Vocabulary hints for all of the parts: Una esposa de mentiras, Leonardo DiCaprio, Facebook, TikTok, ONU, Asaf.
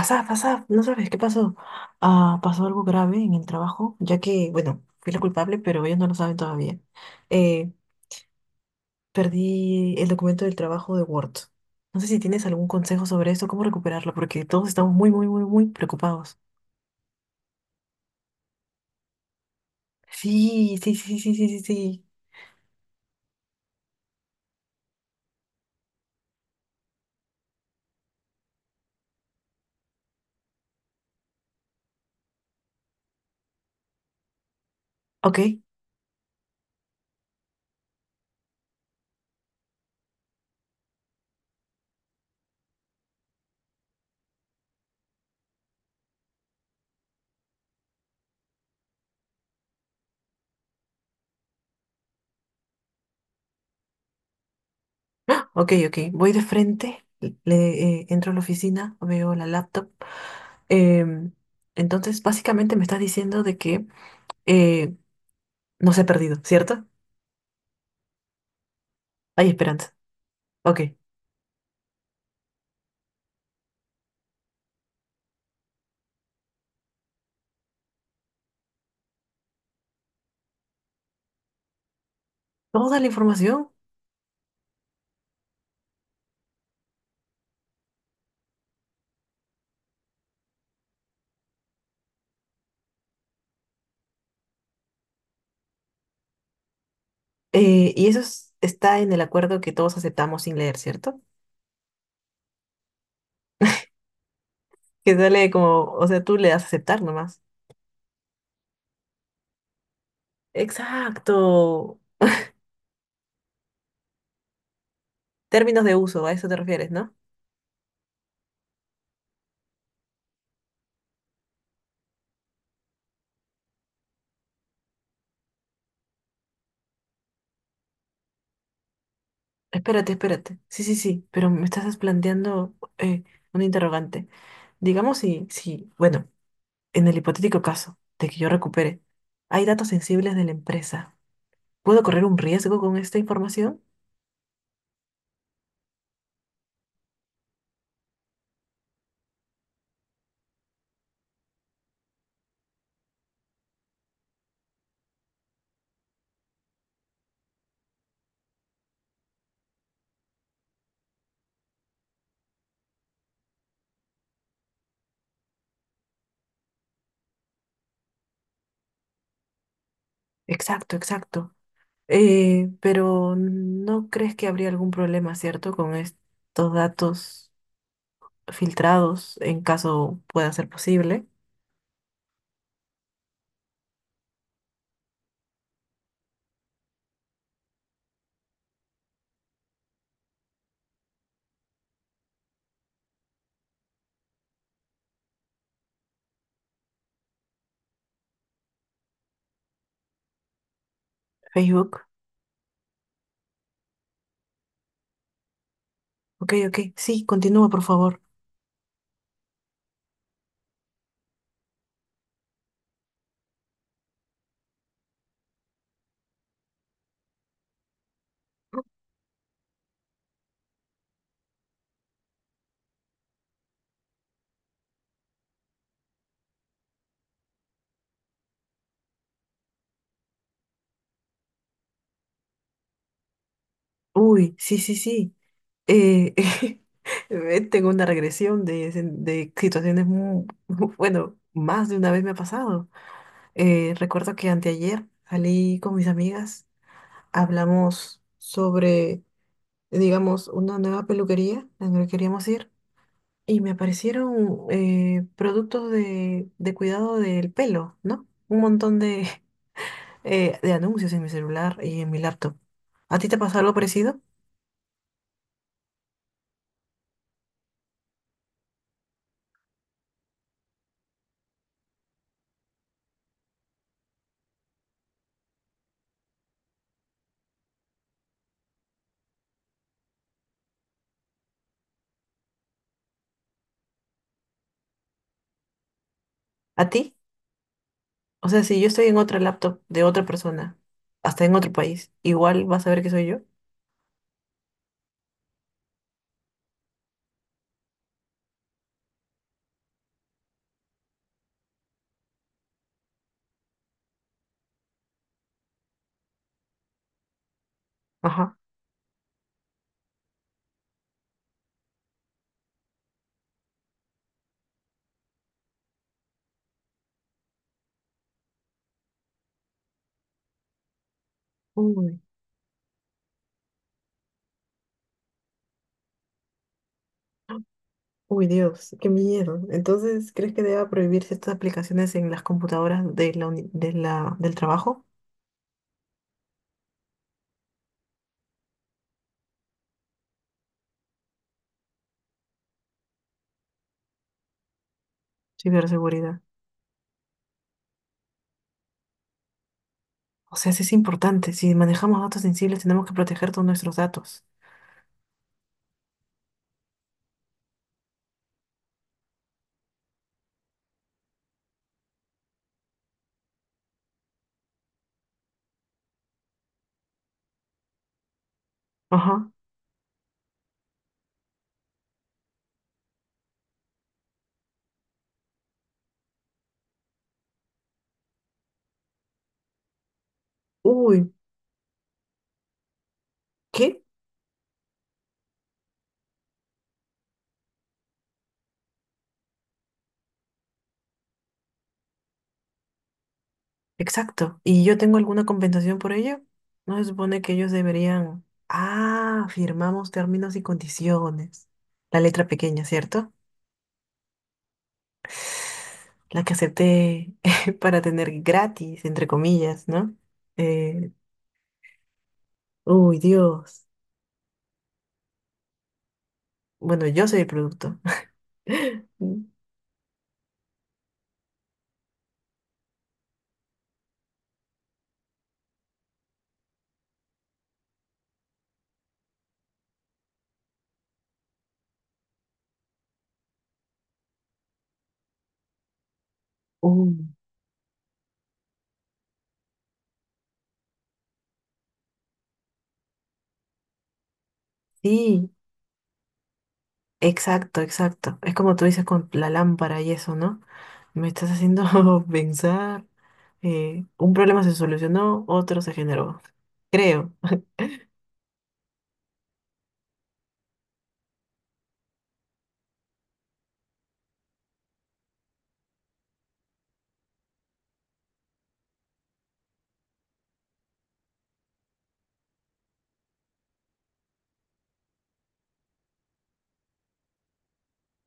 Asaf, Asaf, no sabes qué pasó. Ah, pasó algo grave en el trabajo, ya que, bueno, fui la culpable, pero ellos no lo saben todavía. Eh, perdí el documento del trabajo de Word. No sé si tienes algún consejo sobre esto, cómo recuperarlo, porque todos estamos muy, muy, muy, muy preocupados. Sí, sí, sí, sí, sí, sí, sí. Ok, ok, ok. Voy de frente, entro a la oficina, veo la laptop. Em, entonces, básicamente me estás diciendo de que eh, no se ha perdido, ¿cierto? Hay esperanza. Ok, vamos a la información. Y eso es- está en el acuerdo que todos aceptamos sin leer, ¿cierto? Que sale como, o sea, tú le das a aceptar nomás. Exacto. Términos de uso, a eso te refieres, ¿no? Espérate, espérate. Sí, sí, sí, pero me estás planteando un interrogante. Digamos si, si, bueno, en el hipotético caso de que yo recupere, hay datos sensibles de la empresa. ¿Puedo correr un riesgo con esta información? Exacto, exacto. Pero ¿no crees que habría algún problema, cierto, con estos datos filtrados en caso pueda ser posible? Facebook. Ok, ok. Sí, continúa, por favor. Uy, sí, sí, sí. eh, tengo una regresión de, sen- de situaciones muy, bueno, más de una vez me ha pasado. Recuerdo que anteayer salí con mis amigas, hablamos sobre, digamos, una nueva peluquería en la que queríamos ir y me aparecieron productos de cuidado del pelo, ¿no? Un montón de, de anuncios en mi celular y en mi laptop. ¿A ti te pasó algo parecido? ¿A ti? O sea, si yo estoy en otra laptop de otra persona, hasta en otro país, igual vas a ver que soy yo. Ajá. Uy, uy, Dios, qué miedo. Entonces, ¿crees que deba prohibirse estas aplicaciones en las computadoras de la uni- de la, del trabajo? Ciberseguridad. O sea, sí es importante. Si manejamos datos sensibles, tenemos que proteger todos nuestros datos. Ajá. Uy, ¿qué? Exacto. ¿Y yo tengo alguna compensación por ello? ¿No se supone que ellos deberían... Ah, firmamos términos y condiciones. La letra pequeña, ¿cierto? La que acepté para tener gratis, entre comillas, ¿no? Eh, uy, Dios. Bueno, yo soy el producto. Mm. Uh, sí, exacto, exacto. Es como tú dices con la lámpara y eso, ¿no? Me estás haciendo pensar. Un problema se solucionó, otro se generó. Creo.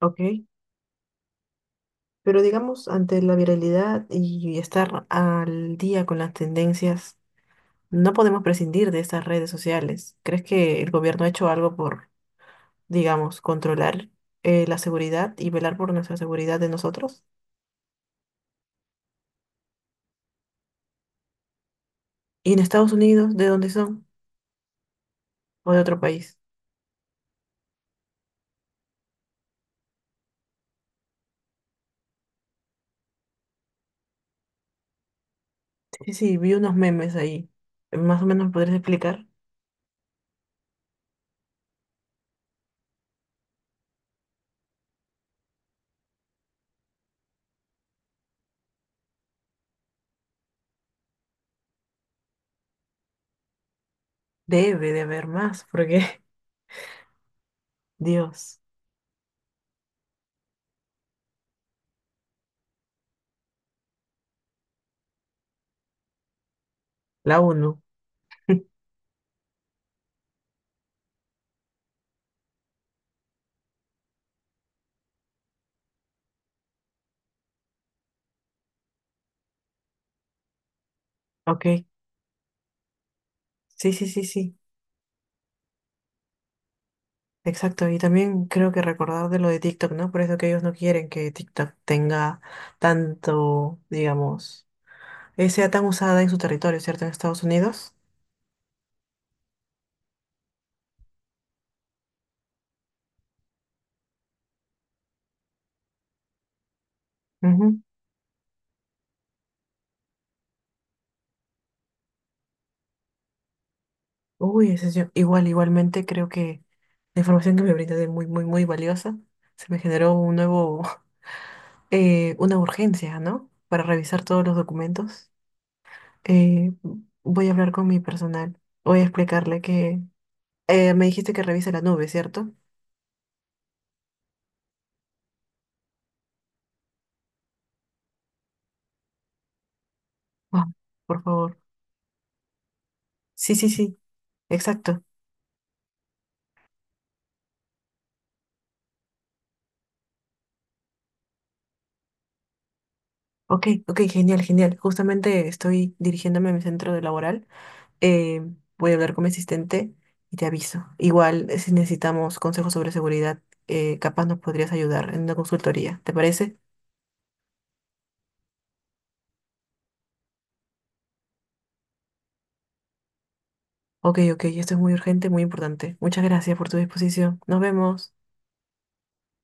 Ok. Pero digamos, ante la viralidad y estar al día con las tendencias, no podemos prescindir de estas redes sociales. ¿Crees que el gobierno ha hecho algo por, digamos, controlar la seguridad y velar por nuestra seguridad de nosotros? ¿Y en Estados Unidos, de dónde son? ¿O de otro país? Y sí, vi unos memes ahí. Más o menos me podrías explicar. Debe de haber más, porque Dios, la ONU. Ok, sí, sí, sí, sí. Exacto. Y también creo que recordar de lo de TikTok, ¿no? Por eso que ellos no quieren que TikTok tenga tanto, digamos, sea tan usada en su territorio, ¿cierto? En Estados Unidos. Ujú. Uy, ese es yo- Igual, igualmente creo que la información que me brindas es muy, muy, muy valiosa. Se me generó un nuevo una urgencia, ¿no? Para revisar todos los documentos. Eh, voy a hablar con mi personal. Voy a explicarle que me dijiste que revise la nube, ¿cierto? Wow, por favor. Sí, sí, sí, exacto. Ok, ok, genial, genial. Justamente estoy dirigiéndome a mi centro de laboral. Eh, voy a hablar con mi asistente y te aviso. Igual, si necesitamos consejos sobre seguridad, capaz nos podrías ayudar en una consultoría. ¿Te parece? Ok, ok, esto es muy urgente, muy importante. Muchas gracias por tu disposición. Nos vemos.